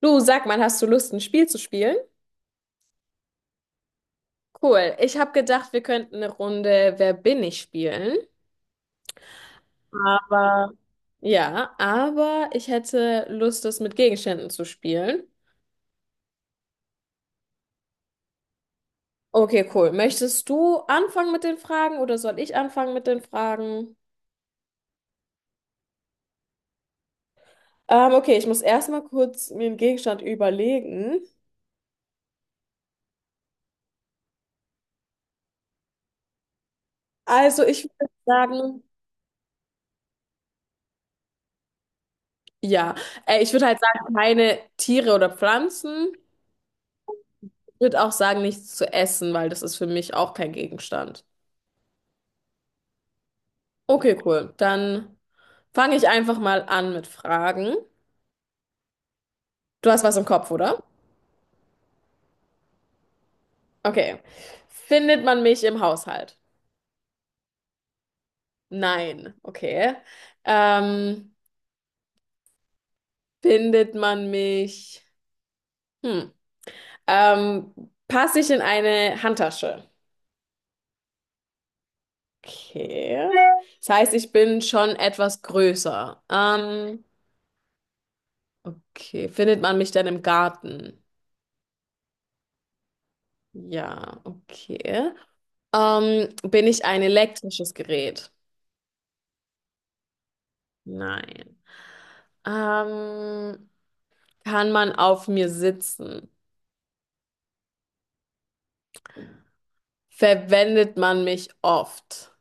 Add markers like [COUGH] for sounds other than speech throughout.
Du, sag mal, hast du Lust, ein Spiel zu spielen? Cool. Ich habe gedacht, wir könnten eine Runde Wer bin ich spielen. Aber. Ja, aber ich hätte Lust, das mit Gegenständen zu spielen. Okay, cool. Möchtest du anfangen mit den Fragen oder soll ich anfangen mit den Fragen? Okay, ich muss erstmal kurz mir einen Gegenstand überlegen. Also, ich würde sagen, ja, ich würde halt sagen, keine Tiere oder Pflanzen. Ich würde auch sagen, nichts zu essen, weil das ist für mich auch kein Gegenstand. Okay, cool. Dann fange ich einfach mal an mit Fragen. Du hast was im Kopf, oder? Okay. Findet man mich im Haushalt? Nein. Okay. Ähm, Findet man mich? Hm. Ähm, Passe ich in eine Handtasche? Okay. Das heißt, ich bin schon etwas größer. Okay. Findet man mich denn im Garten? Ja, okay. Bin ich ein elektrisches Gerät? Nein. Ähm, Kann man auf mir sitzen? Verwendet man mich oft?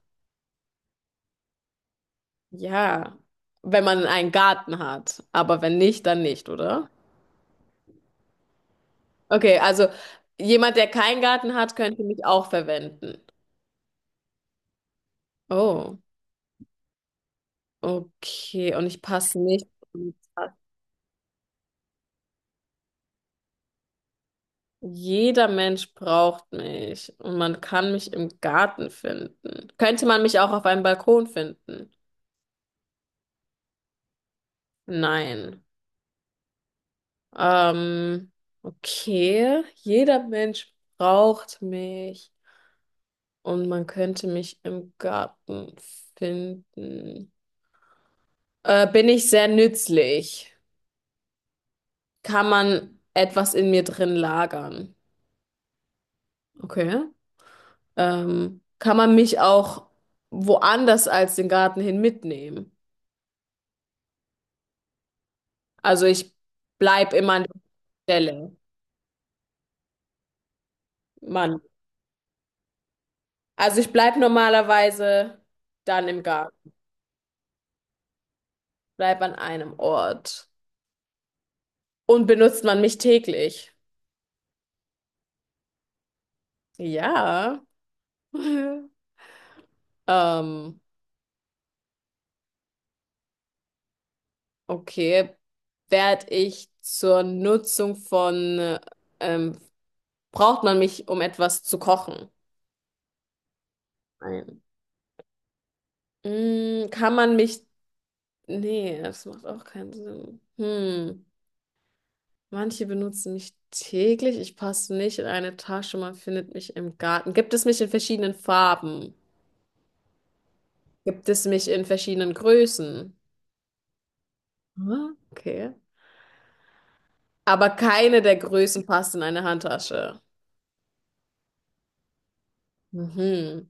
Ja, wenn man einen Garten hat. Aber wenn nicht, dann nicht, oder? Okay, also jemand, der keinen Garten hat, könnte mich auch verwenden. Oh, okay. Und ich passe nicht. Jeder Mensch braucht mich und man kann mich im Garten finden. Könnte man mich auch auf einem Balkon finden? Nein. Ähm, okay, jeder Mensch braucht mich und man könnte mich im Garten finden. Bin ich sehr nützlich? Kann man etwas in mir drin lagern? Okay. Kann man mich auch woanders als den Garten hin mitnehmen? Also ich bleib immer an der Stelle. Mann. Also ich bleib normalerweise dann im Garten, bleib an einem Ort. Und benutzt man mich täglich? Ja. [LAUGHS] Ähm, okay. Werd ich zur Nutzung von, ähm, Braucht man mich, um etwas zu kochen? Nein. Mm, nee, das macht auch keinen Sinn. Hm. Manche benutzen mich täglich. Ich passe nicht in eine Tasche. Man findet mich im Garten. Gibt es mich in verschiedenen Farben? Gibt es mich in verschiedenen Größen? Ah, okay. Aber keine der Größen passt in eine Handtasche. Mhm.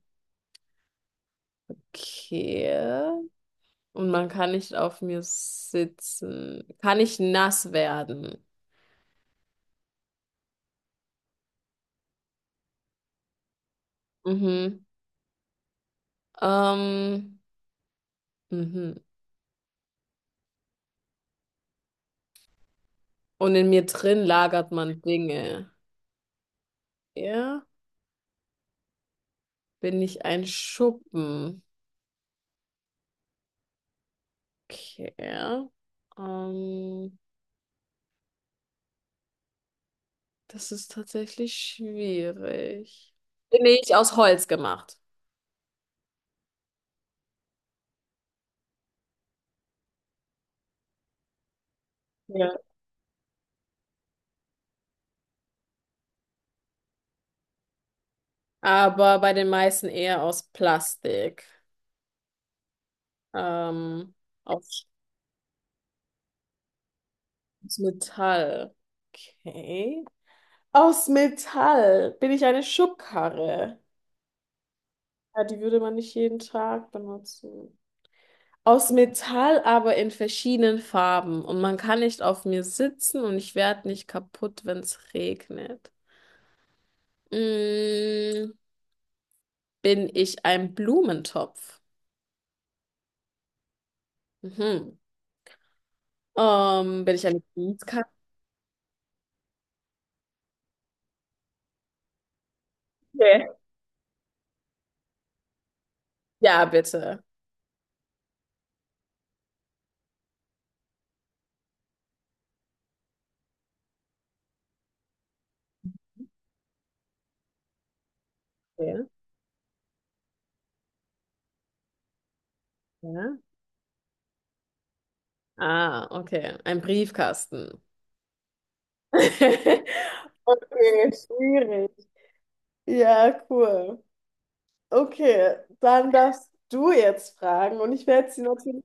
Okay. Und man kann nicht auf mir sitzen. Kann ich nass werden? Mhm. Ähm, mhm. Und in mir drin lagert man Dinge. Ja. Bin ich ein Schuppen? Okay. Ähm, Das ist tatsächlich schwierig. Bin ich aus Holz gemacht? Ja. Aber bei den meisten eher aus Plastik. Ähm, Aus Metall. Okay. Aus Metall bin ich eine Schubkarre. Ja, die würde man nicht jeden Tag benutzen. Aus Metall, aber in verschiedenen Farben. Und man kann nicht auf mir sitzen und ich werde nicht kaputt, wenn es regnet. Mm, bin ich ein Blumentopf? Mhm. Bin ich eine Briefkasten? Nee. Ja, bitte. Okay. Ja. Ah, okay. Ein Briefkasten. [LAUGHS] Okay, schwierig. Ja, cool. Okay, dann darfst du jetzt fragen und ich werde sie natürlich.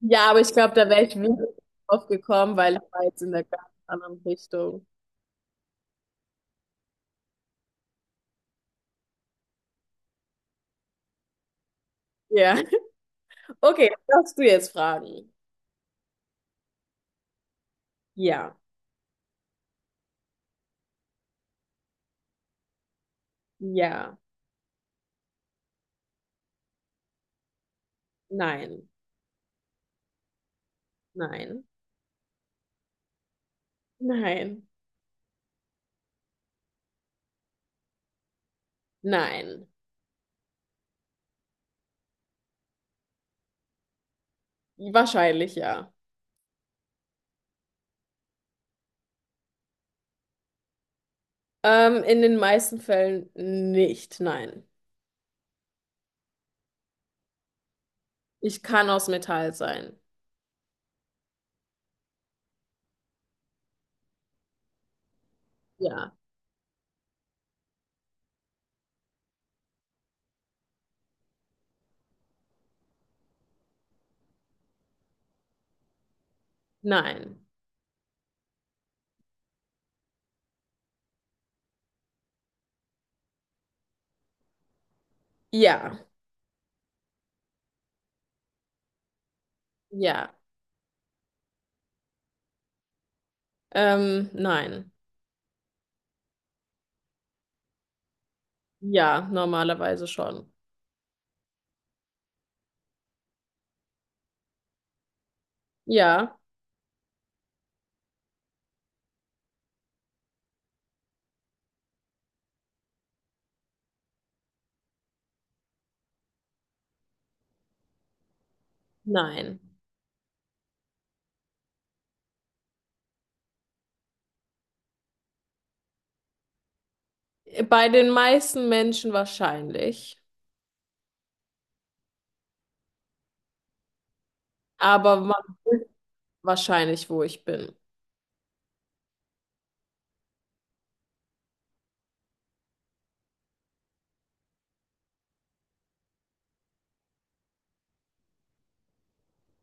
Ja, aber ich glaube, da wäre ich wirklich drauf gekommen, weil ich war jetzt in der ganz anderen Richtung. Ja. [LAUGHS] Okay, darfst du jetzt fragen. Ja, ja, nein, nein, nein, nein. Wahrscheinlich ja. In den meisten Fällen nicht, nein. Ich kann aus Metall sein. Ja, nein. Ja. Ja, nein. Ja, normalerweise schon. Ja, nein. Bei den meisten Menschen wahrscheinlich, aber man weiß wahrscheinlich, wo ich bin.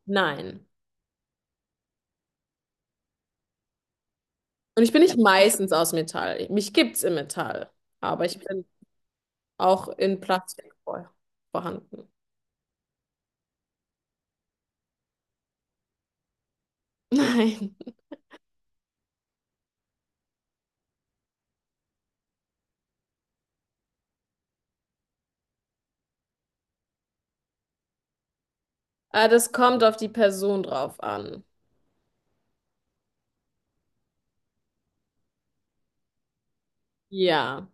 Nein. Und ich bin nicht meistens aus Metall. Mich gibt's im Metall, aber ich bin auch in Plastik vorhanden. [LAUGHS] Nein. Das kommt auf die Person drauf an. Ja,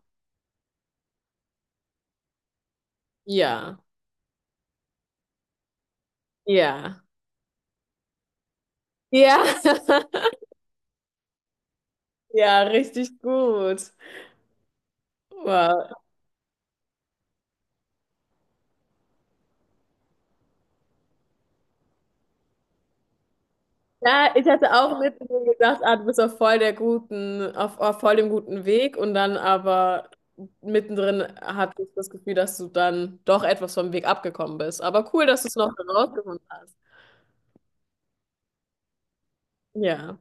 ja, ja, ja. [LAUGHS] Ja, richtig gut. Wow. Ja, ich hatte auch mit mir gedacht, ah, du bist auf voll der guten, auf voll dem guten Weg und dann aber mittendrin hatte ich das Gefühl, dass du dann doch etwas vom Weg abgekommen bist. Aber cool, dass du es noch herausgefunden hast. Ja.